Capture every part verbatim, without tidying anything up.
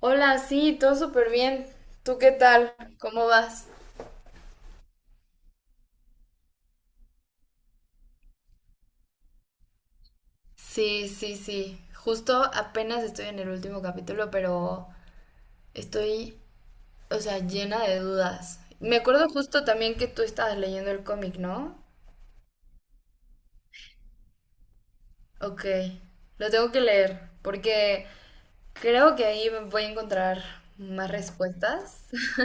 Hola, sí, todo súper bien. ¿Tú qué tal? ¿Cómo vas? Sí, sí, sí. Justo apenas estoy en el último capítulo, pero estoy, o sea, llena de dudas. Me acuerdo justo también que tú estabas leyendo el cómic, ¿no? Ok, lo tengo que leer porque creo que ahí voy a encontrar más respuestas.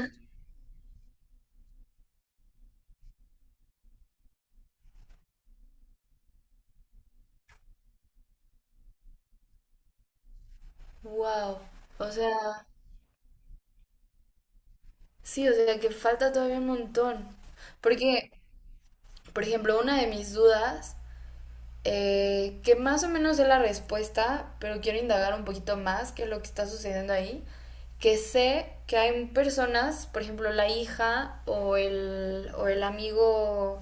Wow, o sea, sí, o sea que falta todavía un montón. Porque, por ejemplo, una de mis dudas eh, que más o menos es la respuesta, pero quiero indagar un poquito más qué es lo que está sucediendo ahí, que sé que hay personas, por ejemplo, la hija o el, o el amigo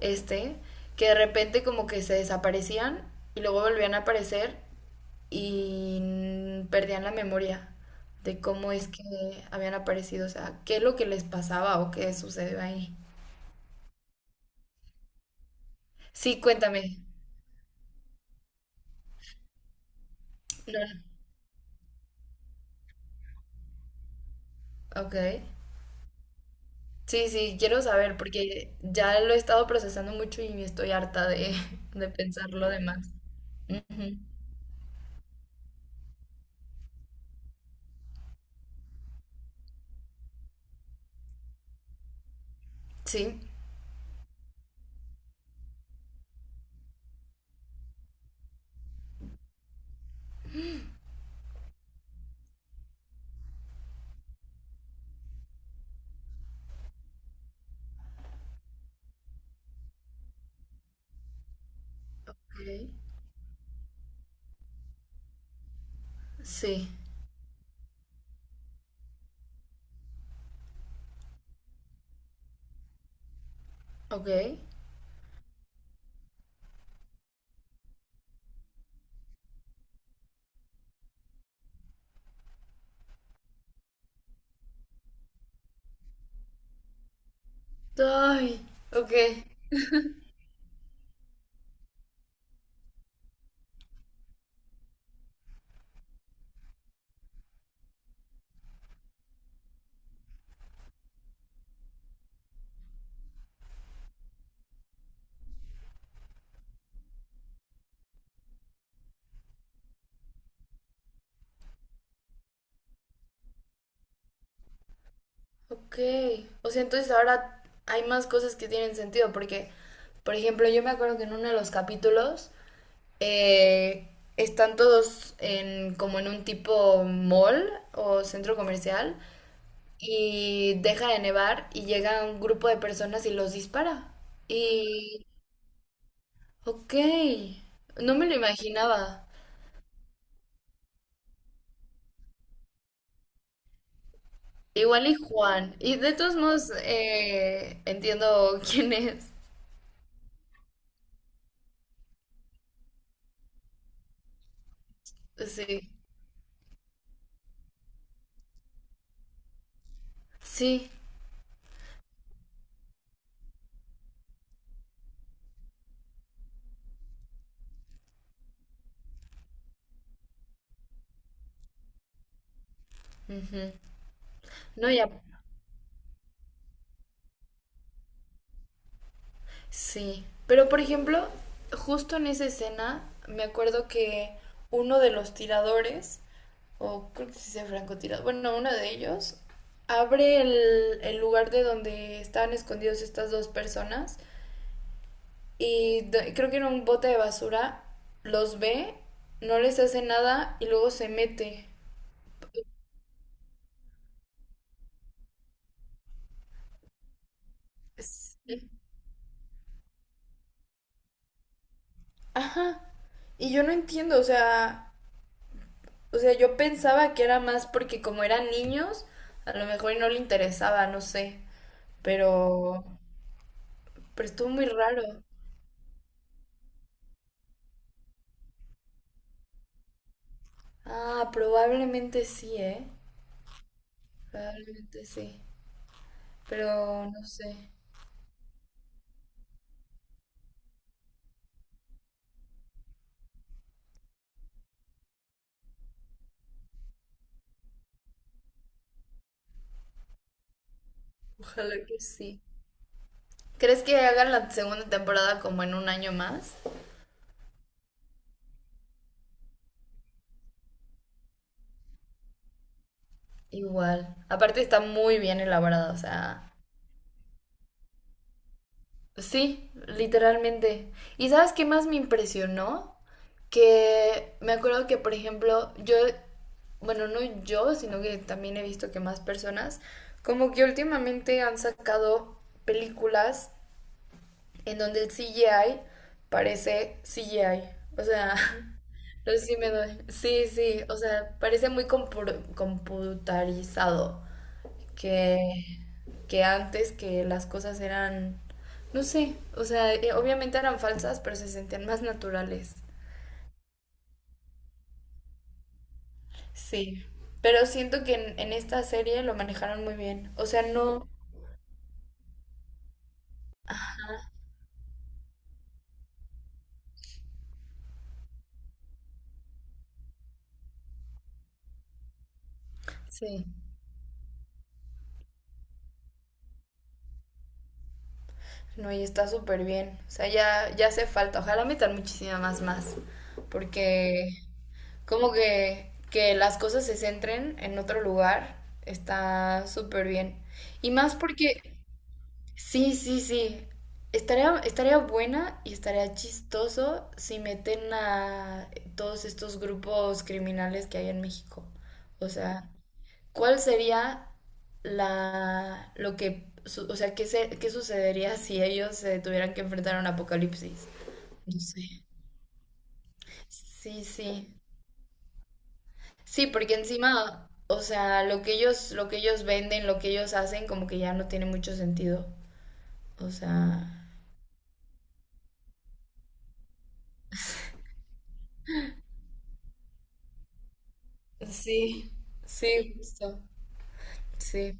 este, que de repente como que se desaparecían y luego volvían a aparecer y perdían la memoria de cómo es que habían aparecido, o sea, qué es lo que les pasaba o qué sucedió ahí. Sí, cuéntame. No. Ok. Sí, sí, quiero saber porque ya lo he estado procesando mucho y estoy harta de, de pensar lo demás. Ujú. Sí. Ok. Sí. Ok. Ay, ok. Ok. O sea, entonces ahora hay más cosas que tienen sentido porque, por ejemplo, yo me acuerdo que en uno de los capítulos eh, están todos en como en un tipo mall o centro comercial y deja de nevar y llega un grupo de personas y los dispara. Y, ok, no me lo imaginaba. Igual y Juan. Y de todos modos, eh, entiendo quién es. Sí, sí. Ujú. No, ya. Sí, pero por ejemplo, justo en esa escena me acuerdo que uno de los tiradores, o creo que sí sea francotirador, bueno, uno de ellos abre el, el lugar de donde estaban escondidos estas dos personas y do- creo que en un bote de basura los ve, no les hace nada y luego se mete. Sí. Ajá. Y yo no entiendo, o sea, O sea, yo pensaba que era más porque como eran niños, a lo mejor y no le interesaba, no sé. Pero, pero estuvo muy raro. Ah, probablemente sí, ¿eh? Probablemente sí. Pero no sé. Ojalá que sí. ¿Crees que hagan la segunda temporada como en un año más? Igual. Aparte está muy bien elaborada, o sea, sí, literalmente. ¿Y sabes qué más me impresionó? Que me acuerdo que, por ejemplo, yo, bueno, no yo, sino que también he visto que más personas, como que últimamente han sacado películas en donde el C G I parece C G I. O sea, no sé si me doy. Sí, sí, o sea, parece muy compur- computarizado. Que que antes que las cosas eran, no sé, o sea, eh, obviamente eran falsas, pero se sentían más naturales. Sí, pero siento que en, en esta serie lo manejaron muy bien. O sea, no, sí. No, y está súper bien. O sea, ya, ya hace falta. Ojalá metan muchísimas más. Porque como que, que las cosas se centren en otro lugar está súper bien. Y más porque sí, sí, sí. Estaría, estaría buena y estaría chistoso si meten a todos estos grupos criminales que hay en México. O sea, ¿cuál sería la, lo que, su- o sea, qué se- qué sucedería si ellos se tuvieran que enfrentar a un apocalipsis? No sé. Sí, sí. Sí, porque encima, o sea, lo que ellos, lo que ellos venden, lo que ellos hacen, como que ya no tiene mucho sentido. O sea. Sí, sí, justo. Sí.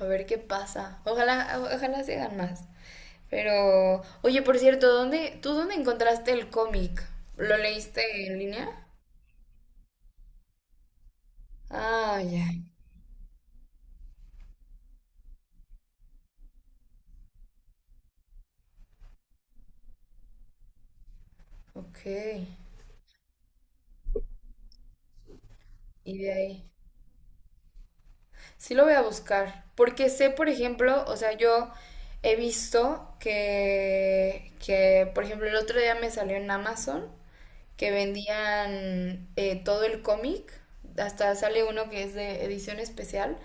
A ver qué pasa. Ojalá, o- ojalá se hagan más. Pero, oye, por cierto, ¿dónde, tú dónde encontraste el cómic? ¿Lo leíste en línea? Ah, ya. Ok. Y de ahí. Sí lo voy a buscar. Porque sé, por ejemplo, o sea, yo he visto que, que, por ejemplo, el otro día me salió en Amazon que vendían eh, todo el cómic. Hasta sale uno que es de edición especial.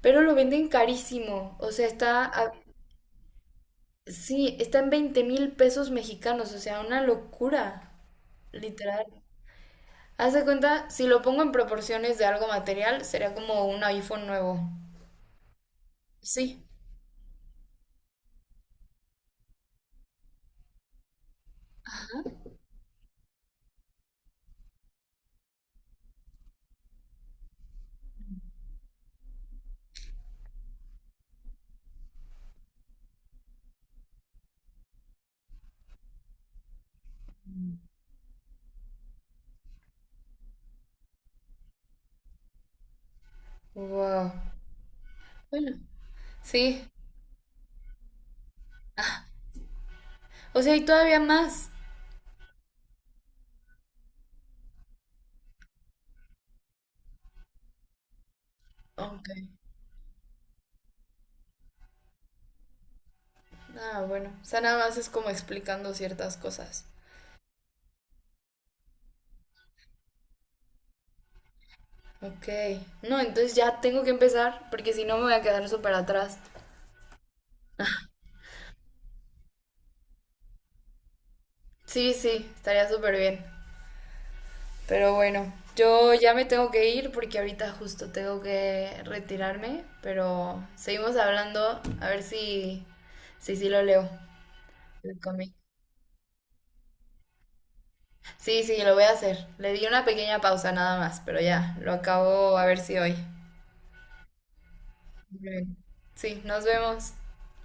Pero lo venden carísimo. O sea, está, a- sí, está en veinte mil pesos mexicanos. O sea, una locura, literal. Haz de cuenta, si lo pongo en proporciones de algo material, sería como un iPhone nuevo. Sí. Wow. Bueno, sí. Ah, o sea, y todavía más. Ok. Ah, bueno. O sea, nada más es como explicando ciertas cosas. Ok. No, entonces ya tengo que empezar, porque si no me voy a quedar súper atrás. Sí, sí, estaría súper bien. Pero bueno, yo ya me tengo que ir porque ahorita justo tengo que retirarme, pero seguimos hablando a ver si, si sí lo leo. El cómic. Sí, sí, lo voy a hacer. Le di una pequeña pausa nada más, pero ya, lo acabo a ver si hoy. Muy bien. Sí, nos vemos.